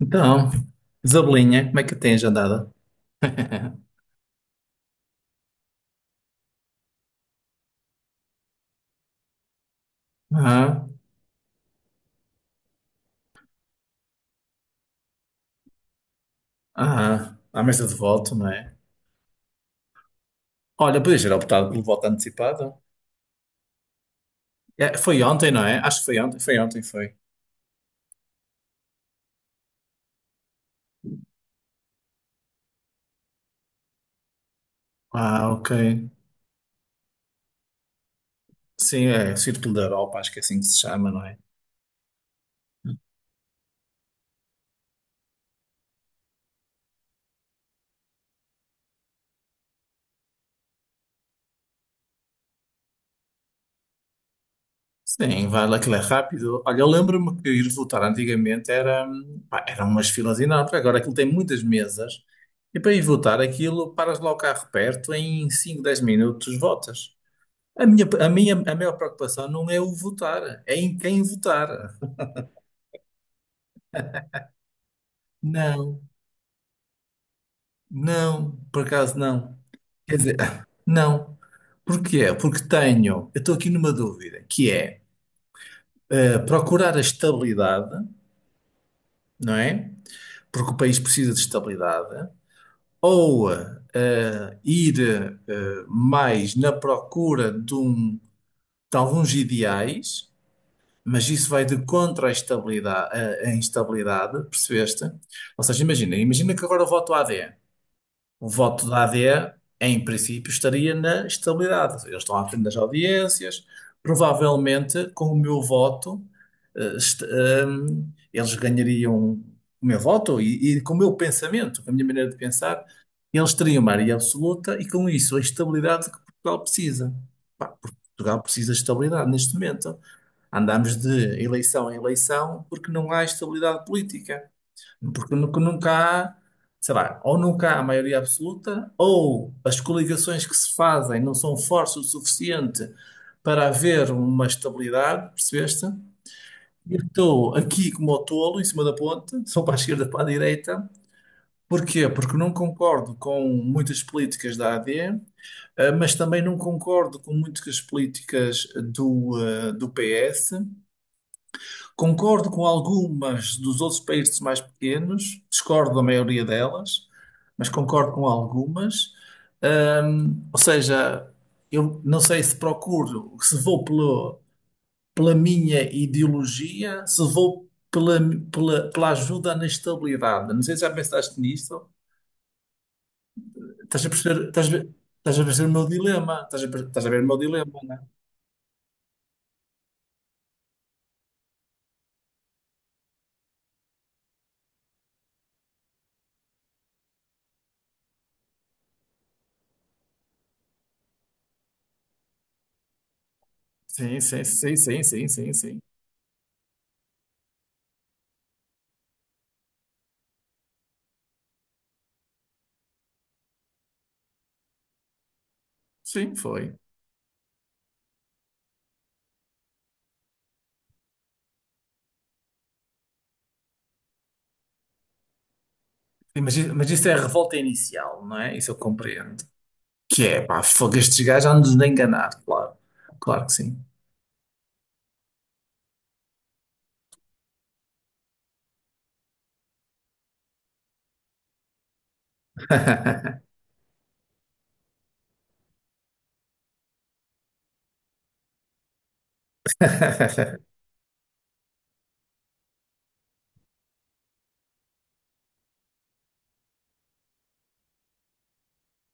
Então, Isabelinha, como é que tens andado? Ah, ah, à mesa de voto, não é? Olha, podias ter optado pelo voto antecipado. É, foi ontem, não é? Acho que foi ontem, foi ontem, foi. Ah, ok. Sim, é o Círculo da Europa, acho que é assim que se chama, não é? Sim, vai lá, aquilo é rápido. Olha, eu lembro-me que ir votar antigamente era, pá, eram umas filas enormes. Agora aquilo tem muitas mesas e para ir votar aquilo, paras lá o carro perto, em 5, 10 minutos votas. A maior preocupação não é o votar, é em quem votar. Não, não, por acaso não. Quer dizer, não. Porquê? Porque tenho, eu estou aqui numa dúvida, que é procurar a estabilidade, não é? Porque o país precisa de estabilidade, ou ir mais na procura de alguns ideais. Mas isso vai de contra a estabilidade, a instabilidade, percebeste? Ou seja, imagina que agora eu voto AD. O voto da AD, em princípio, estaria na estabilidade. Eles estão à frente das audiências. Provavelmente, com o meu voto, eh, est- ehm, eles ganhariam o meu voto e com o meu pensamento, com a minha maneira de pensar, eles teriam uma maioria absoluta e, com isso, a estabilidade que Portugal precisa. Pá, Portugal precisa de estabilidade neste momento. Andamos de eleição em eleição porque não há estabilidade política. Porque nunca, nunca há, sei lá, ou nunca há maioria absoluta, ou as coligações que se fazem não são fortes o suficiente para haver uma estabilidade, percebeste? Eu estou aqui como o tolo, em cima da ponte, sou para a esquerda, para a direita. Porquê? Porque não concordo com muitas políticas da AD, mas também não concordo com muitas políticas do, do PS. Concordo com algumas dos outros países mais pequenos, discordo da maioria delas, mas concordo com algumas. Ou seja, eu não sei se procuro, se vou pelo, pela minha ideologia, se vou pela, pela ajuda na estabilidade. Não sei se já pensaste nisto. Estás a perceber, estás a ver, estás a perceber o meu dilema. Estás a ver o meu dilema, não é? Sim, sim, sim, sim, sim, sim, sim. Sim, foi. Mas isso é a revolta inicial, não é? Isso eu compreendo. Que é, pá, fogo, estes gajos andam-nos a enganar, claro. Claro que sim.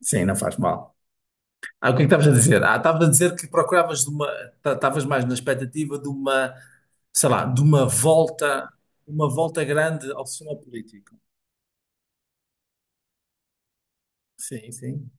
Sim, não faz mal. Ah, o que é que estavas a dizer? Ah, estavas a dizer que procuravas de uma, estavas mais na expectativa de uma, sei lá, de uma volta grande ao sistema político. Sim, sim.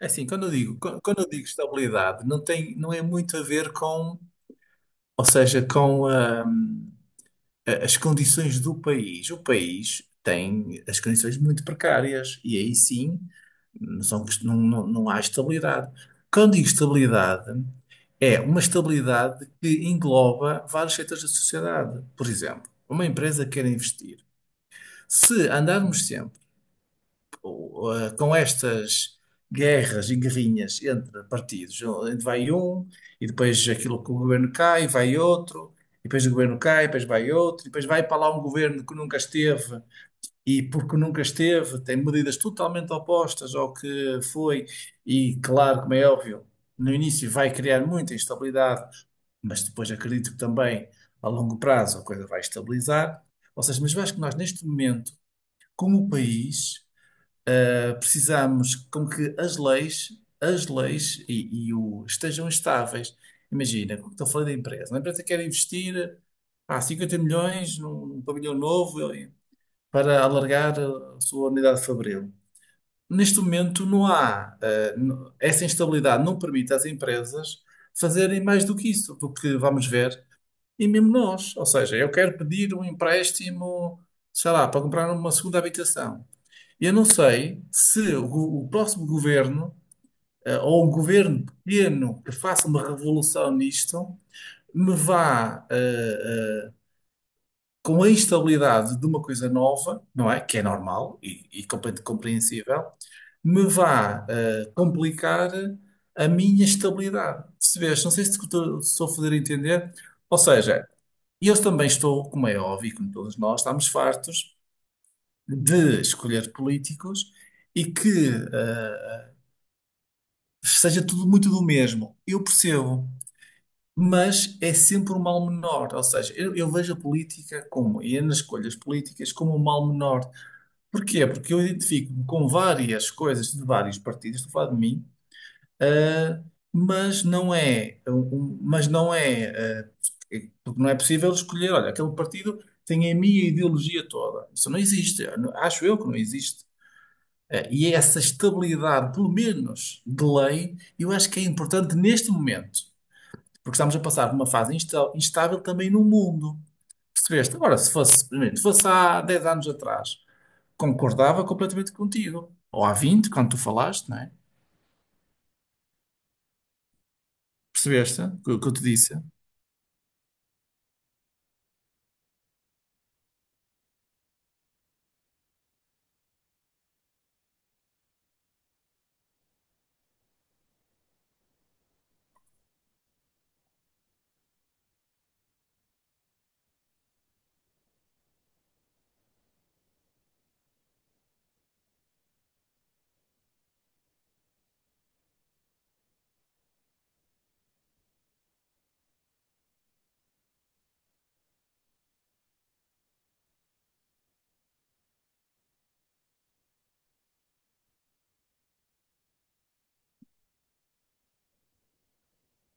É assim, quando eu digo estabilidade, não tem, não é muito a ver com, ou seja, com as condições do país. O país tem as condições muito precárias e aí sim não, não, não, não há estabilidade. Quando digo estabilidade, é uma estabilidade que engloba vários setores da sociedade. Por exemplo, uma empresa quer investir. Se andarmos com estas guerras e guerrinhas entre partidos, onde vai um, e depois aquilo que o governo cai, vai outro, e depois o governo cai, depois vai outro, e depois vai para lá um governo que nunca esteve, e porque nunca esteve, tem medidas totalmente opostas ao que foi, e claro, como é óbvio, no início vai criar muita instabilidade, mas depois acredito que também a longo prazo a coisa vai estabilizar. Ou seja, mas eu acho que nós neste momento, como país, precisamos com que as leis e o, estejam estáveis. Imagina, como estou a falar da empresa. Uma empresa quer investir há 50 milhões num pavilhão novo para alargar a sua unidade fabril. Neste momento não há, essa instabilidade não permite às empresas fazerem mais do que isso, do que vamos ver, e mesmo nós. Ou seja, eu quero pedir um empréstimo, sei lá, para comprar uma segunda habitação. Eu não sei se o próximo governo, ou um governo pequeno que faça uma revolução nisto, me vá, com a instabilidade de uma coisa nova, não é? Que é normal e completamente compreensível, me vá, complicar a minha estabilidade. Percebeste? Não sei se te estou se estou a fazer entender. Ou seja, eu também estou, como é óbvio, como todos nós, estamos fartos de escolher políticos e que seja tudo muito do mesmo. Eu percebo, mas é sempre um mal menor. Ou seja, eu vejo a política como, e nas escolhas políticas, como um mal menor. Porquê? Porque eu identifico-me com várias coisas de vários partidos, estou a falar de mim, ah, mas não é, um, mas não é, ah, porque não é possível escolher, olha, aquele partido tem a minha ideologia toda. Isso não existe. Acho eu que não existe. E é essa estabilidade, pelo menos de lei, eu acho que é importante neste momento, porque estamos a passar por uma fase instável também no mundo. Percebeste? Agora, se fosse, primeiro, se fosse há 10 anos atrás, concordava completamente contigo. Ou há 20 quando tu falaste, não é? Percebeste o que eu te disse?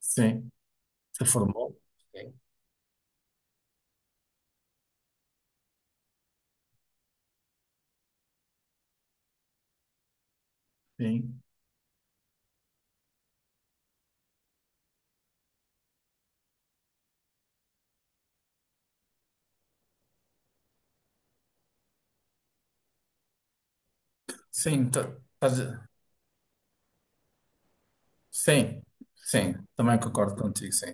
Sim. Se formou? Sim. Sim. Sim, estás a- sim. Sim. Também concordo contigo, sim.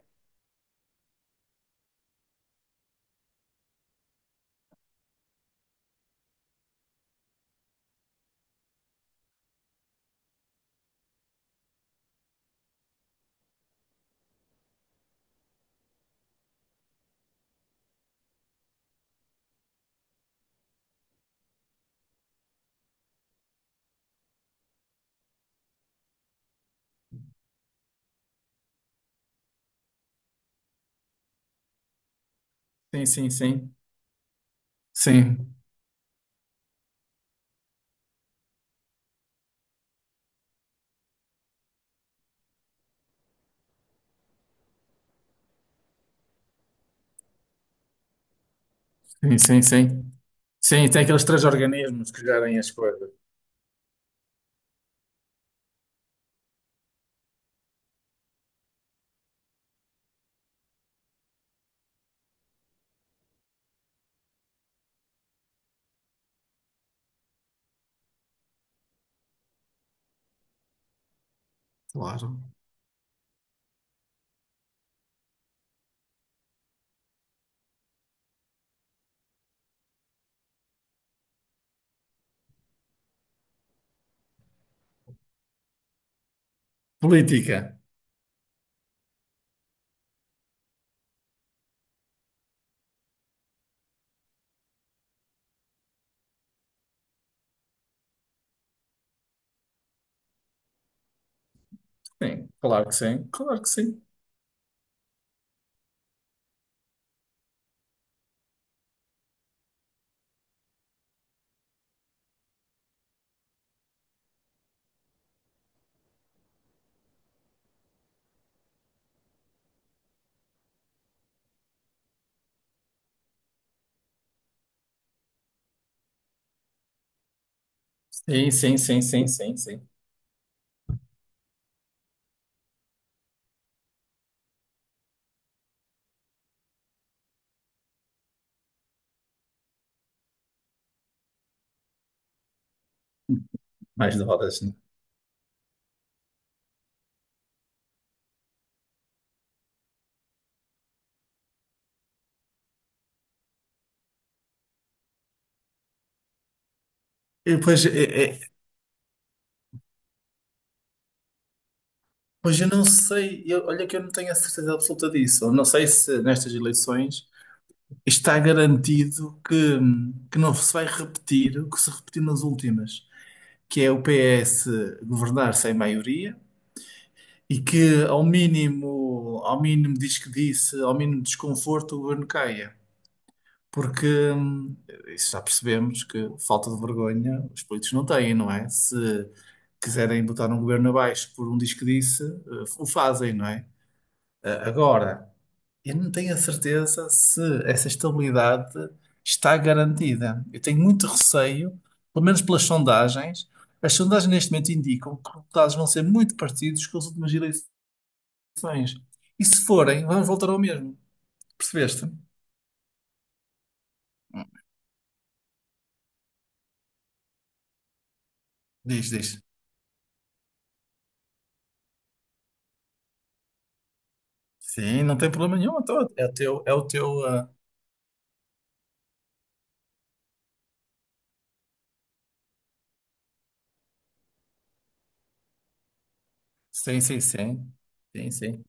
Sim, sim, sim. Sim. Sim, sim, sim. Sim, tem aqueles três organismos que gerem as coisas. Claro. Política. Sim, claro que sim. Claro que sim. Sim, sim, sim, sim, sim, sim. Mais horas, né? E, pois, pois eu não sei, olha que eu não tenho a certeza absoluta disso. Eu não sei se nestas eleições está garantido que não se vai repetir o que se repetiu nas últimas, que é o PS governar sem maioria e que ao mínimo diz que disse, ao mínimo desconforto, o governo caia. Porque hum, isso já percebemos que falta de vergonha os políticos não têm, não é? Se quiserem botar um governo abaixo por um diz que disse, o fazem, não é? Agora, eu não tenho a certeza se essa estabilidade está garantida. Eu tenho muito receio, pelo menos pelas sondagens. As sondagens neste momento indicam que os resultados vão ser muito parecidos com as últimas eleições. E se forem, vamos voltar ao mesmo. Percebeste? Diz, diz. Sim, não tem problema nenhum. Então é o teu, ah, sim, sim, sim. Sim, sim.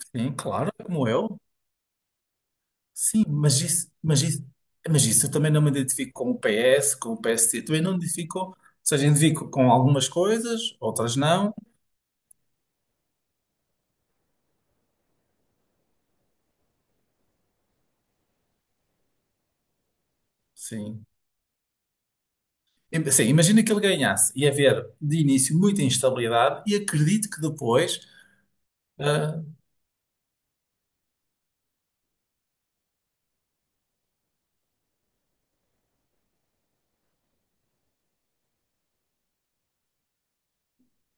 Sim, claro, como eu. Sim, mas isso eu também não me identifico com o PS, com o PST. Também não me identifico, ou seja, identifico com algumas coisas, outras não. Sim. Sim, imagina que ele ganhasse. Ia haver, de início, muita instabilidade e acredito que depois. Ah,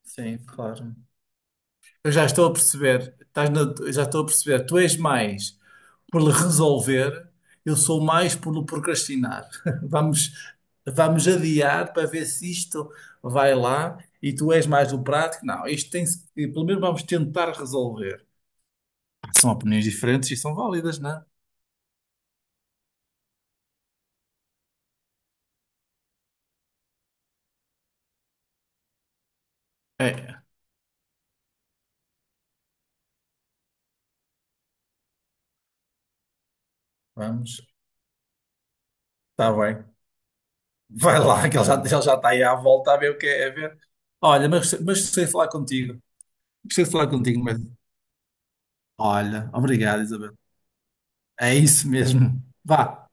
sim, claro. Eu já estou a perceber, estás na- eu já estou a perceber, tu és mais por lhe resolver, eu sou mais por lhe procrastinar. Vamos, vamos adiar para ver se isto vai lá e tu és mais do prático. Não, isto tem-se, pelo menos vamos tentar resolver. Pá, são opiniões diferentes e são válidas, não é? É, vamos, está bem. Vai lá, que ele já está aí à volta a ver o que é, a ver. Olha, mas gostei de falar contigo. Gostei de falar contigo, mas. Olha, obrigado, Isabel. É isso mesmo. Vá.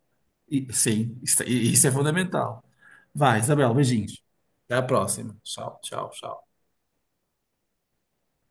Sim, isso é fundamental. Vá, Isabel, beijinhos. Até a próxima. Tchau, tchau, tchau.